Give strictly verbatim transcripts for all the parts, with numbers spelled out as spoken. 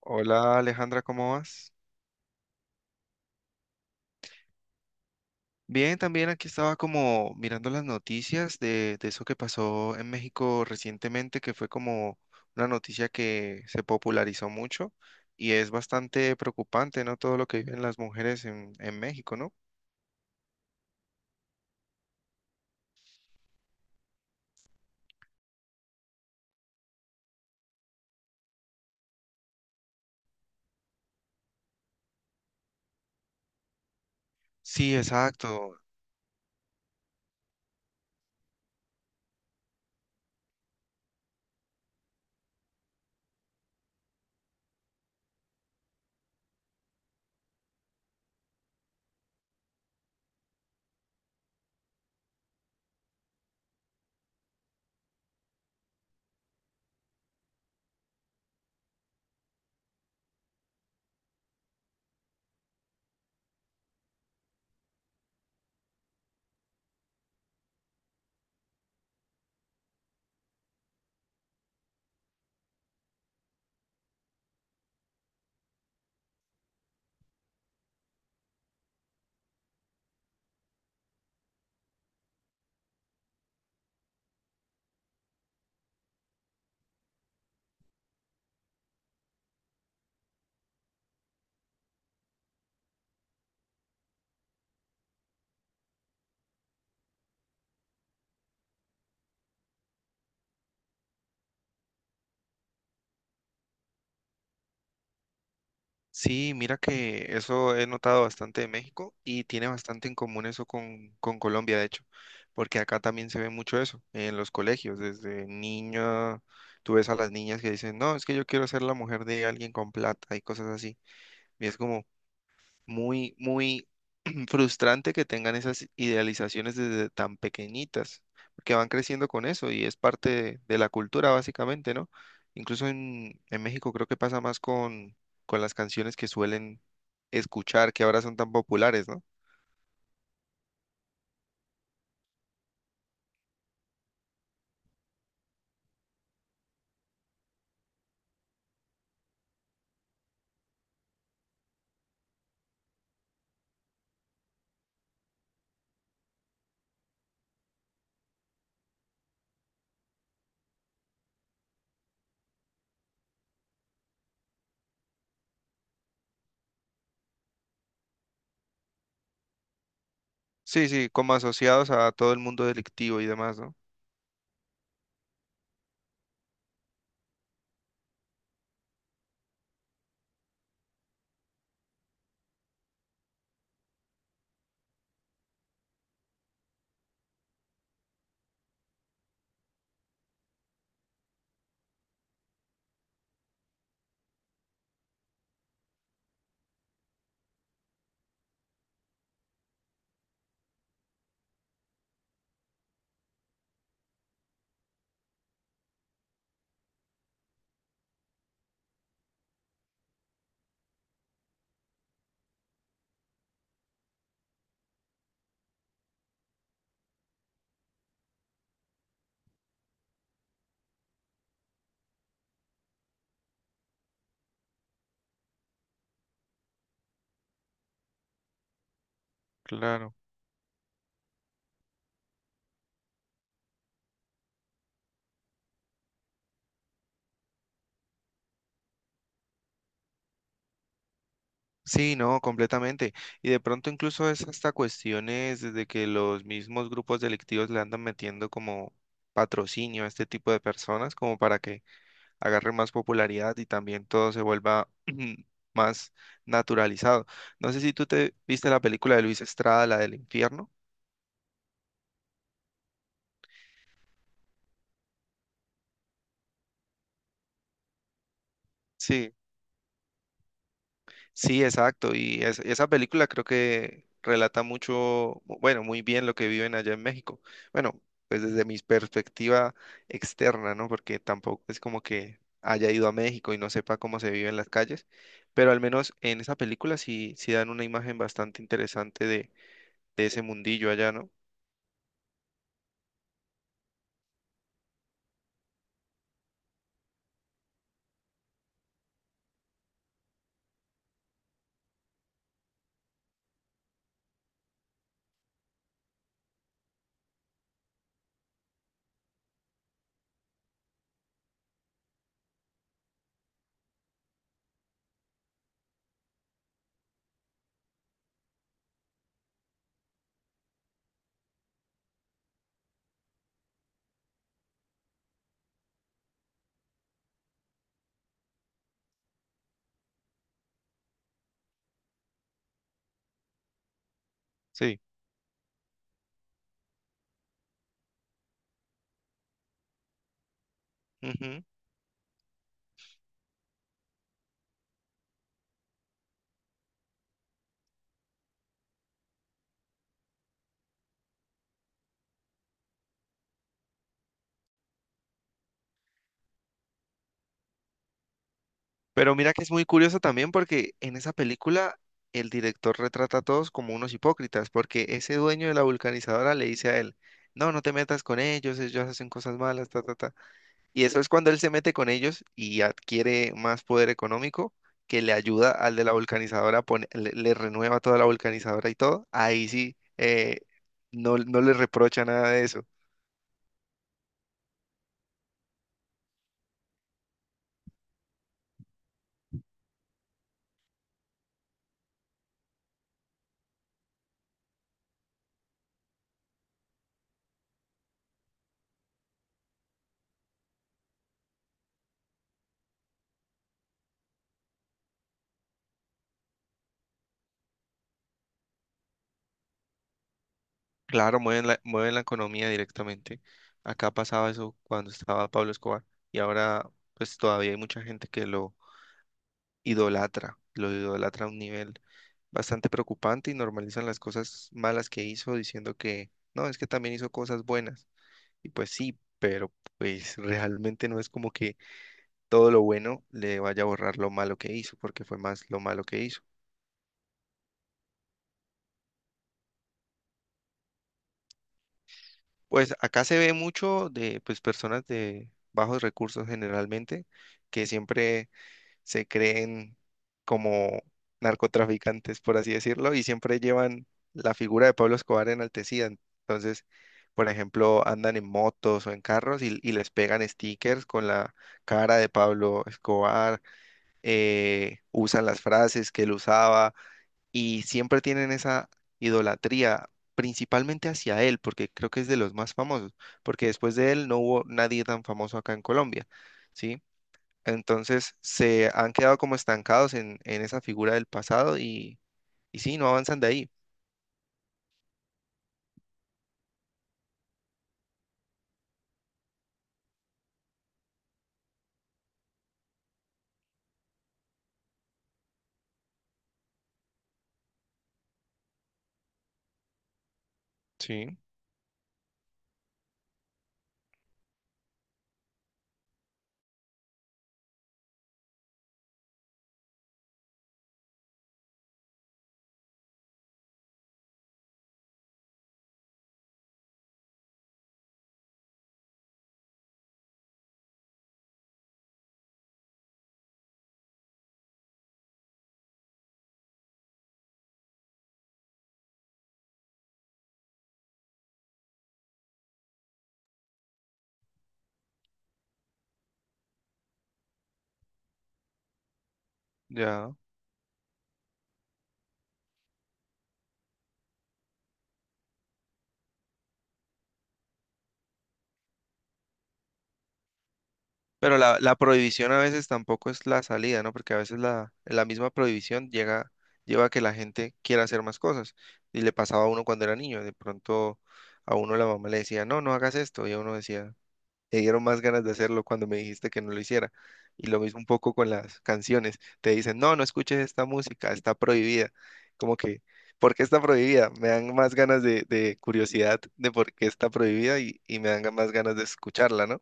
Hola Alejandra, ¿cómo vas? Bien, también aquí estaba como mirando las noticias de, de eso que pasó en México recientemente, que fue como una noticia que se popularizó mucho y es bastante preocupante, ¿no? Todo lo que viven las mujeres en, en México, ¿no? Sí, exacto. Sí, mira que eso he notado bastante de México y tiene bastante en común eso con, con Colombia, de hecho, porque acá también se ve mucho eso en los colegios. Desde niña, tú ves a las niñas que dicen, no, es que yo quiero ser la mujer de alguien con plata y cosas así. Y es como muy, muy frustrante que tengan esas idealizaciones desde tan pequeñitas, porque van creciendo con eso y es parte de, de la cultura básicamente, ¿no? Incluso en, en México creo que pasa más con, con las canciones que suelen escuchar, que ahora son tan populares, ¿no? Sí, sí, como asociados a todo el mundo delictivo y demás, ¿no? Claro. Sí, no, completamente. Y de pronto incluso es hasta cuestiones desde que los mismos grupos delictivos le andan metiendo como patrocinio a este tipo de personas, como para que agarre más popularidad y también todo se vuelva más naturalizado. No sé si tú te viste la película de Luis Estrada, la del infierno. Sí, sí, exacto. Y es- esa película creo que relata mucho, mu- bueno, muy bien lo que viven allá en México. Bueno, pues desde mi perspectiva externa, ¿no? Porque tampoco es como que haya ido a México y no sepa cómo se vive en las calles, pero al menos en esa película sí, sí dan una imagen bastante interesante de, de ese mundillo allá, ¿no? Sí. Ujú. Pero mira que es muy curioso también porque en esa película el director retrata a todos como unos hipócritas, porque ese dueño de la vulcanizadora le dice a él, no, no te metas con ellos, ellos hacen cosas malas, ta, ta, ta. Y eso es cuando él se mete con ellos y adquiere más poder económico que le ayuda al de la vulcanizadora, pone- le, le renueva toda la vulcanizadora y todo. Ahí sí, eh, no, no le reprocha nada de eso. Claro, mueven la, mueven la economía directamente. Acá pasaba eso cuando estaba Pablo Escobar y ahora pues todavía hay mucha gente que lo idolatra, lo idolatra a un nivel bastante preocupante y normalizan las cosas malas que hizo diciendo que no, es que también hizo cosas buenas. Y pues sí, pero pues realmente no es como que todo lo bueno le vaya a borrar lo malo que hizo, porque fue más lo malo que hizo. Pues acá se ve mucho de pues personas de bajos recursos generalmente que siempre se creen como narcotraficantes, por así decirlo, y siempre llevan la figura de Pablo Escobar enaltecida. Entonces, por ejemplo, andan en motos o en carros y, y les pegan stickers con la cara de Pablo Escobar, eh, usan las frases que él usaba y siempre tienen esa idolatría. Principalmente hacia él, porque creo que es de los más famosos, porque después de él no hubo nadie tan famoso acá en Colombia, ¿sí? Entonces se han quedado como estancados en, en esa figura del pasado y, y sí, no avanzan de ahí. Sí, ya. Pero la, la prohibición a veces tampoco es la salida, ¿no? Porque a veces la, la misma prohibición llega, lleva a que la gente quiera hacer más cosas. Y le pasaba a uno cuando era niño. De pronto a uno la mamá le decía, no, no hagas esto. Y a uno decía, me dieron más ganas de hacerlo cuando me dijiste que no lo hiciera. Y lo mismo un poco con las canciones. Te dicen, no, no escuches esta música, está prohibida. Como que, ¿por qué está prohibida? Me dan más ganas de, de curiosidad de por qué está prohibida y, y me dan más ganas de escucharla, ¿no?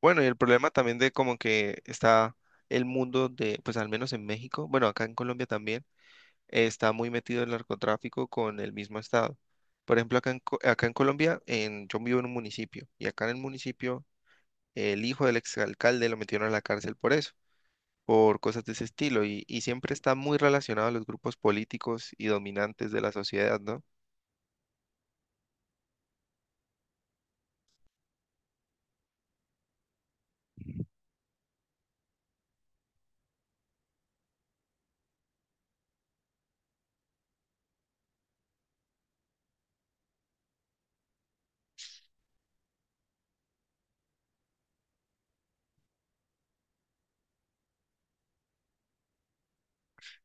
Bueno, y el problema también de como que está el mundo de, pues al menos en México, bueno, acá en Colombia también, eh, está muy metido el narcotráfico con el mismo estado. Por ejemplo, acá en, Co- acá en Colombia, en, yo vivo en un municipio y acá en el municipio el hijo del exalcalde lo metieron a la cárcel por eso, por cosas de ese estilo, y, y siempre está muy relacionado a los grupos políticos y dominantes de la sociedad, ¿no?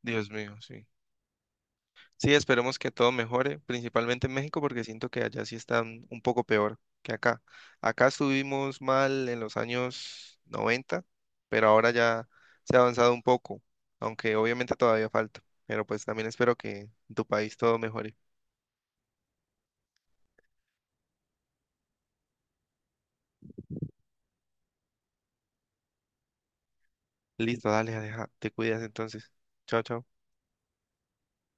Dios mío, sí. Sí, esperemos que todo mejore, principalmente en México, porque siento que allá sí están un poco peor que acá. Acá estuvimos mal en los años noventa, pero ahora ya se ha avanzado un poco, aunque obviamente todavía falta. Pero pues también espero que en tu país todo mejore. Listo, dale, deja, te cuidas entonces. Chao, chao.